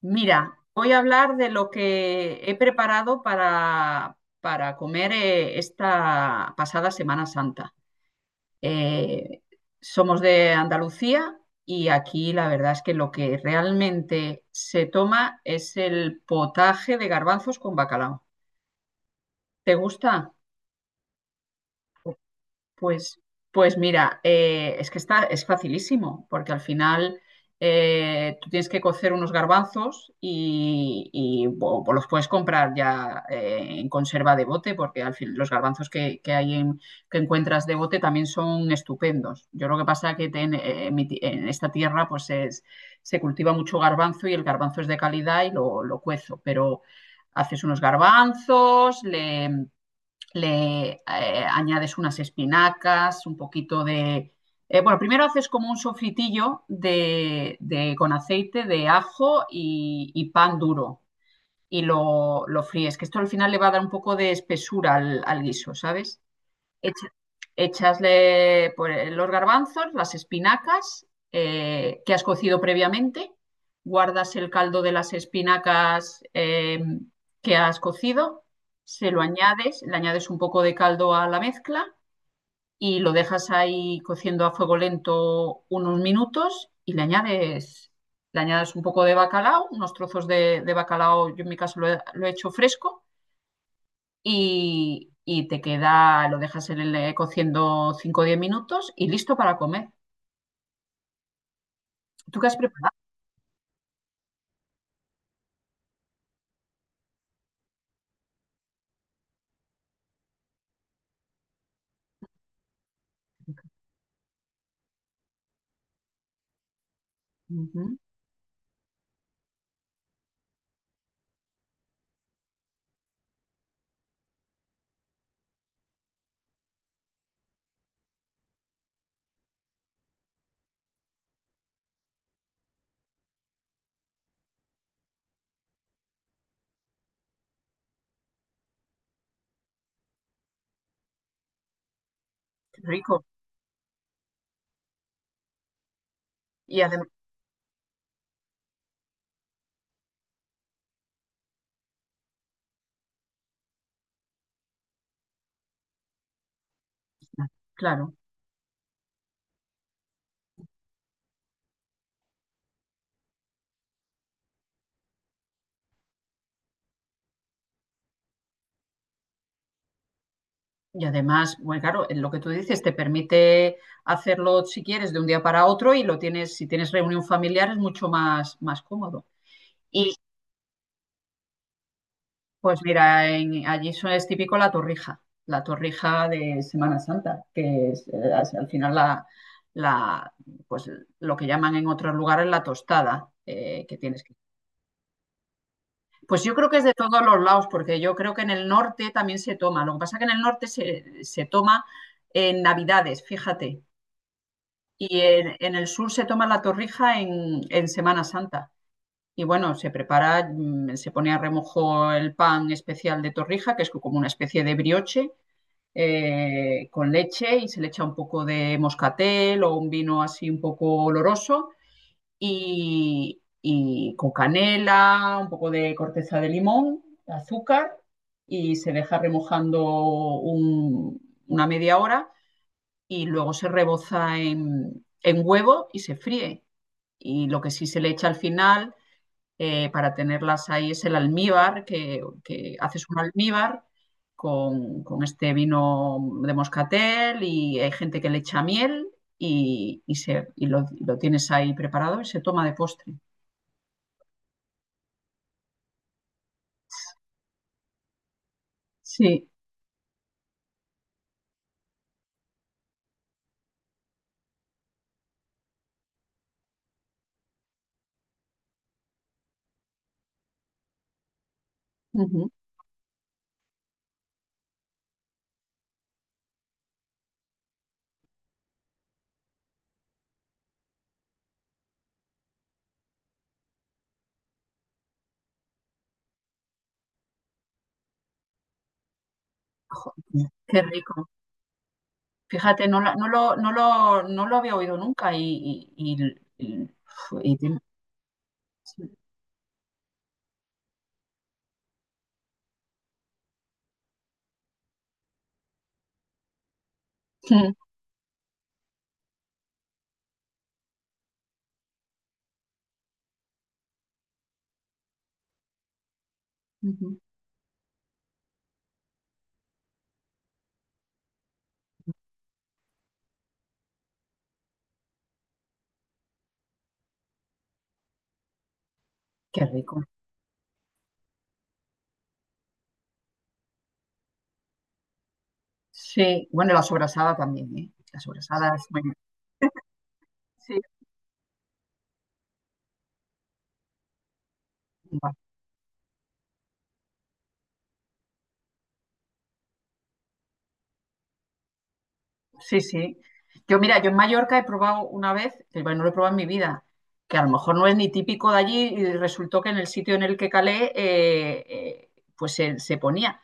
Mira, voy a hablar de lo que he preparado para comer esta pasada Semana Santa. Eh, Somos de Andalucía y aquí la verdad es que lo que realmente se toma es el potaje de garbanzos con bacalao. ¿Te gusta? Pues, pues mira, es que es facilísimo, porque al final tú tienes que cocer unos garbanzos y los puedes comprar ya en conserva de bote, porque al fin los garbanzos que que encuentras de bote también son estupendos. Yo lo que pasa que en esta tierra pues se cultiva mucho garbanzo y el garbanzo es de calidad y lo cuezo, pero haces unos garbanzos, le añades unas espinacas, un poquito de, bueno, primero haces como un sofritillo con aceite de ajo y pan duro y lo fríes, que esto al final le va a dar un poco de espesura al guiso, ¿sabes? Echa- echasle por los garbanzos, las espinacas que has cocido previamente, guardas el caldo de las espinacas que has cocido, se lo añades, le añades un poco de caldo a la mezcla y lo dejas ahí cociendo a fuego lento unos minutos y le añades un poco de bacalao, unos trozos de bacalao. Yo en mi caso lo he hecho fresco y te queda, lo dejas cociendo 5 o 10 minutos y listo para comer. ¿Tú qué has preparado? Ujú, qué rico. Y además, claro, y además, bueno, claro, en lo que tú dices te permite hacerlo si quieres de un día para otro y lo tienes. Si tienes reunión familiar es mucho más cómodo. Pues mira, allí eso es típico la torrija de Semana Santa, que es, al final la- pues lo que llaman en otros lugares la tostada, que tienes que. Pues yo creo que es de todos los lados, porque yo creo que en el norte también se toma. Lo que pasa que en el norte se toma en Navidades, fíjate, y en el sur se toma la torrija en Semana Santa. Y bueno, se prepara, se pone a remojo el pan especial de torrija, que es como una especie de brioche, con leche y se le echa un poco de moscatel o un vino así un poco oloroso y con canela, un poco de corteza de limón, azúcar y se deja remojando un- una media hora y luego se reboza en huevo y se fríe. Y lo que sí se le echa al final para tenerlas ahí es el almíbar, que haces un almíbar con este vino de moscatel y hay gente que le echa miel y lo tienes ahí preparado y se toma de postre. Sí, ujú. Jo, qué rico. Fíjate, no, no lo había oído nunca y- y tiene- sí. Mm, ujú. Qué rico. Sí, bueno, la sobrasada también, ¿eh? La sobrasada es muy. Sí. Sí, sí. Mira, yo en Mallorca he probado una vez, que bueno, no lo he probado en mi vida, que a lo mejor no es ni típico de allí y resultó que en el sitio en el que calé, pues se ponía.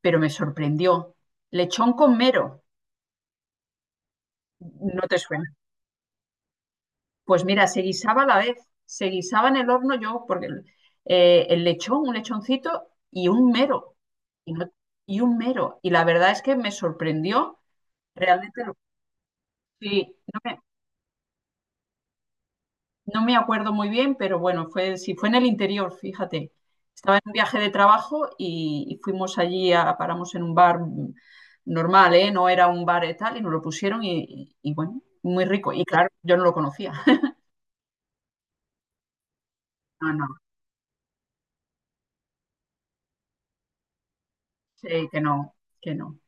Pero me sorprendió. Lechón con mero, no te suena. Pues mira, se guisaba a la vez, se guisaba en el horno yo, porque el lechón, un lechoncito y un mero, y, no- y un mero. Y la verdad es que me sorprendió realmente, lo, sí, no me acuerdo muy bien, pero bueno, fue, sí, fue en el interior, fíjate. Estaba en un viaje de trabajo y fuimos allí, paramos en un bar normal, ¿eh? No era un bar y tal, y nos lo pusieron y bueno, muy rico. Y claro, yo no lo conocía. No, no, sí, que no, que no.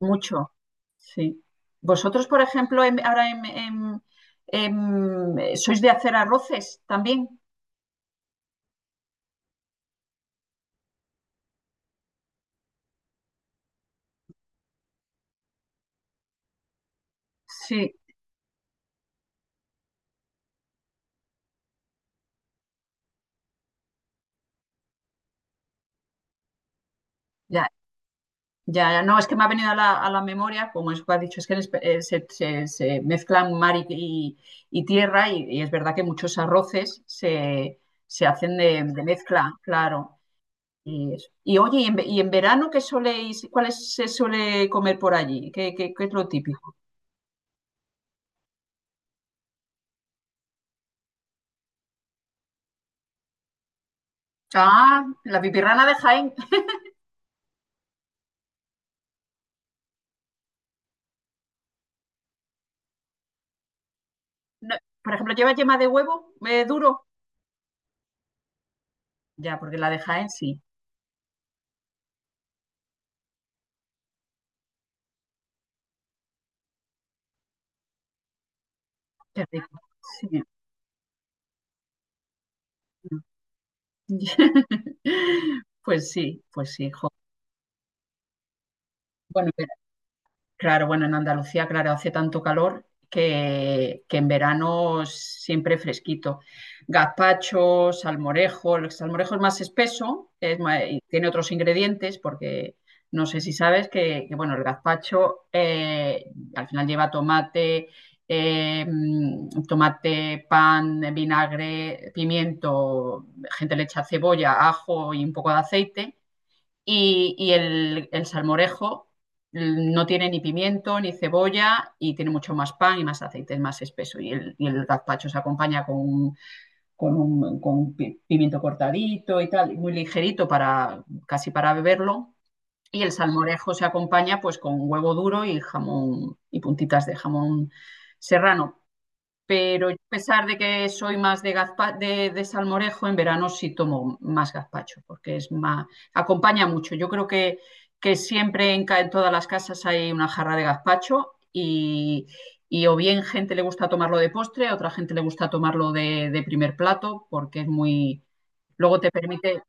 Mucho, sí. Vosotros, por ejemplo, ahora sois de hacer arroces también. Sí, ya, ya, no, es que me ha venido a la memoria, como es que has dicho, es que en se mezclan mar y tierra y es verdad que muchos arroces se hacen de mezcla, claro. Eso. Y oye, ¿y en verano qué soléis, cuáles se suele comer por allí? ¿Qué es lo típico? Ah, la pipirrana de Jaén. No, por ejemplo, ¿lleva yema de huevo duro? Ya, porque la de Jaén sí, qué rico. Sí. Pues sí, pues sí. Jo. Bueno, claro, bueno, en Andalucía, claro, hace tanto calor que en verano siempre fresquito. Gazpacho, salmorejo, el salmorejo es más espeso, y tiene otros ingredientes porque no sé si sabes que, bueno, el gazpacho al final lleva tomate, pan, vinagre, pimiento, gente le echa cebolla, ajo y un poco de aceite y el salmorejo no tiene ni pimiento ni cebolla y tiene mucho más pan y más aceite, es más espeso. Y el gazpacho se acompaña pimiento cortadito y tal, muy ligerito para casi para beberlo. Y el salmorejo se acompaña pues con huevo duro y jamón y puntitas de jamón serrano, pero a pesar de que soy más de salmorejo, en verano sí tomo más gazpacho, porque es acompaña mucho. Yo creo que siempre en todas las casas hay una jarra de gazpacho y o bien gente le gusta tomarlo de postre, a otra gente le gusta tomarlo de primer plato, porque es muy. Luego te permite,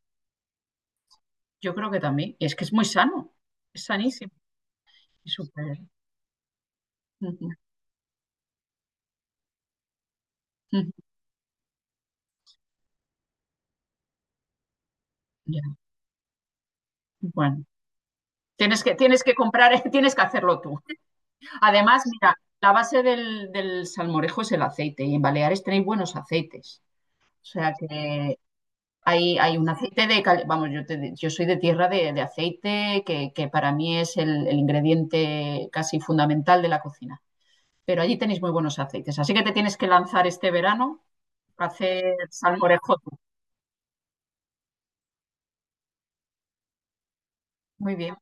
yo creo que también, y es que es muy sano, es sanísimo, es súper. Ya, bueno, tienes que comprar, tienes que hacerlo tú. Además, mira, la base del salmorejo es el aceite y en Baleares tenéis buenos aceites. O sea que hay un aceite Vamos, yo soy de tierra de aceite que para mí es el ingrediente casi fundamental de la cocina. Pero allí tenéis muy buenos aceites. Así que te tienes que lanzar este verano a hacer salmorejo tú. Muy bien.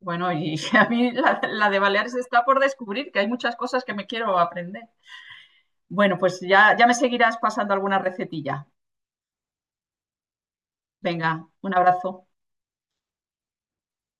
Bueno, y a mí la de Baleares está por descubrir, que hay muchas cosas que me quiero aprender. Bueno, pues ya, ya me seguirás pasando alguna recetilla. Venga, un abrazo.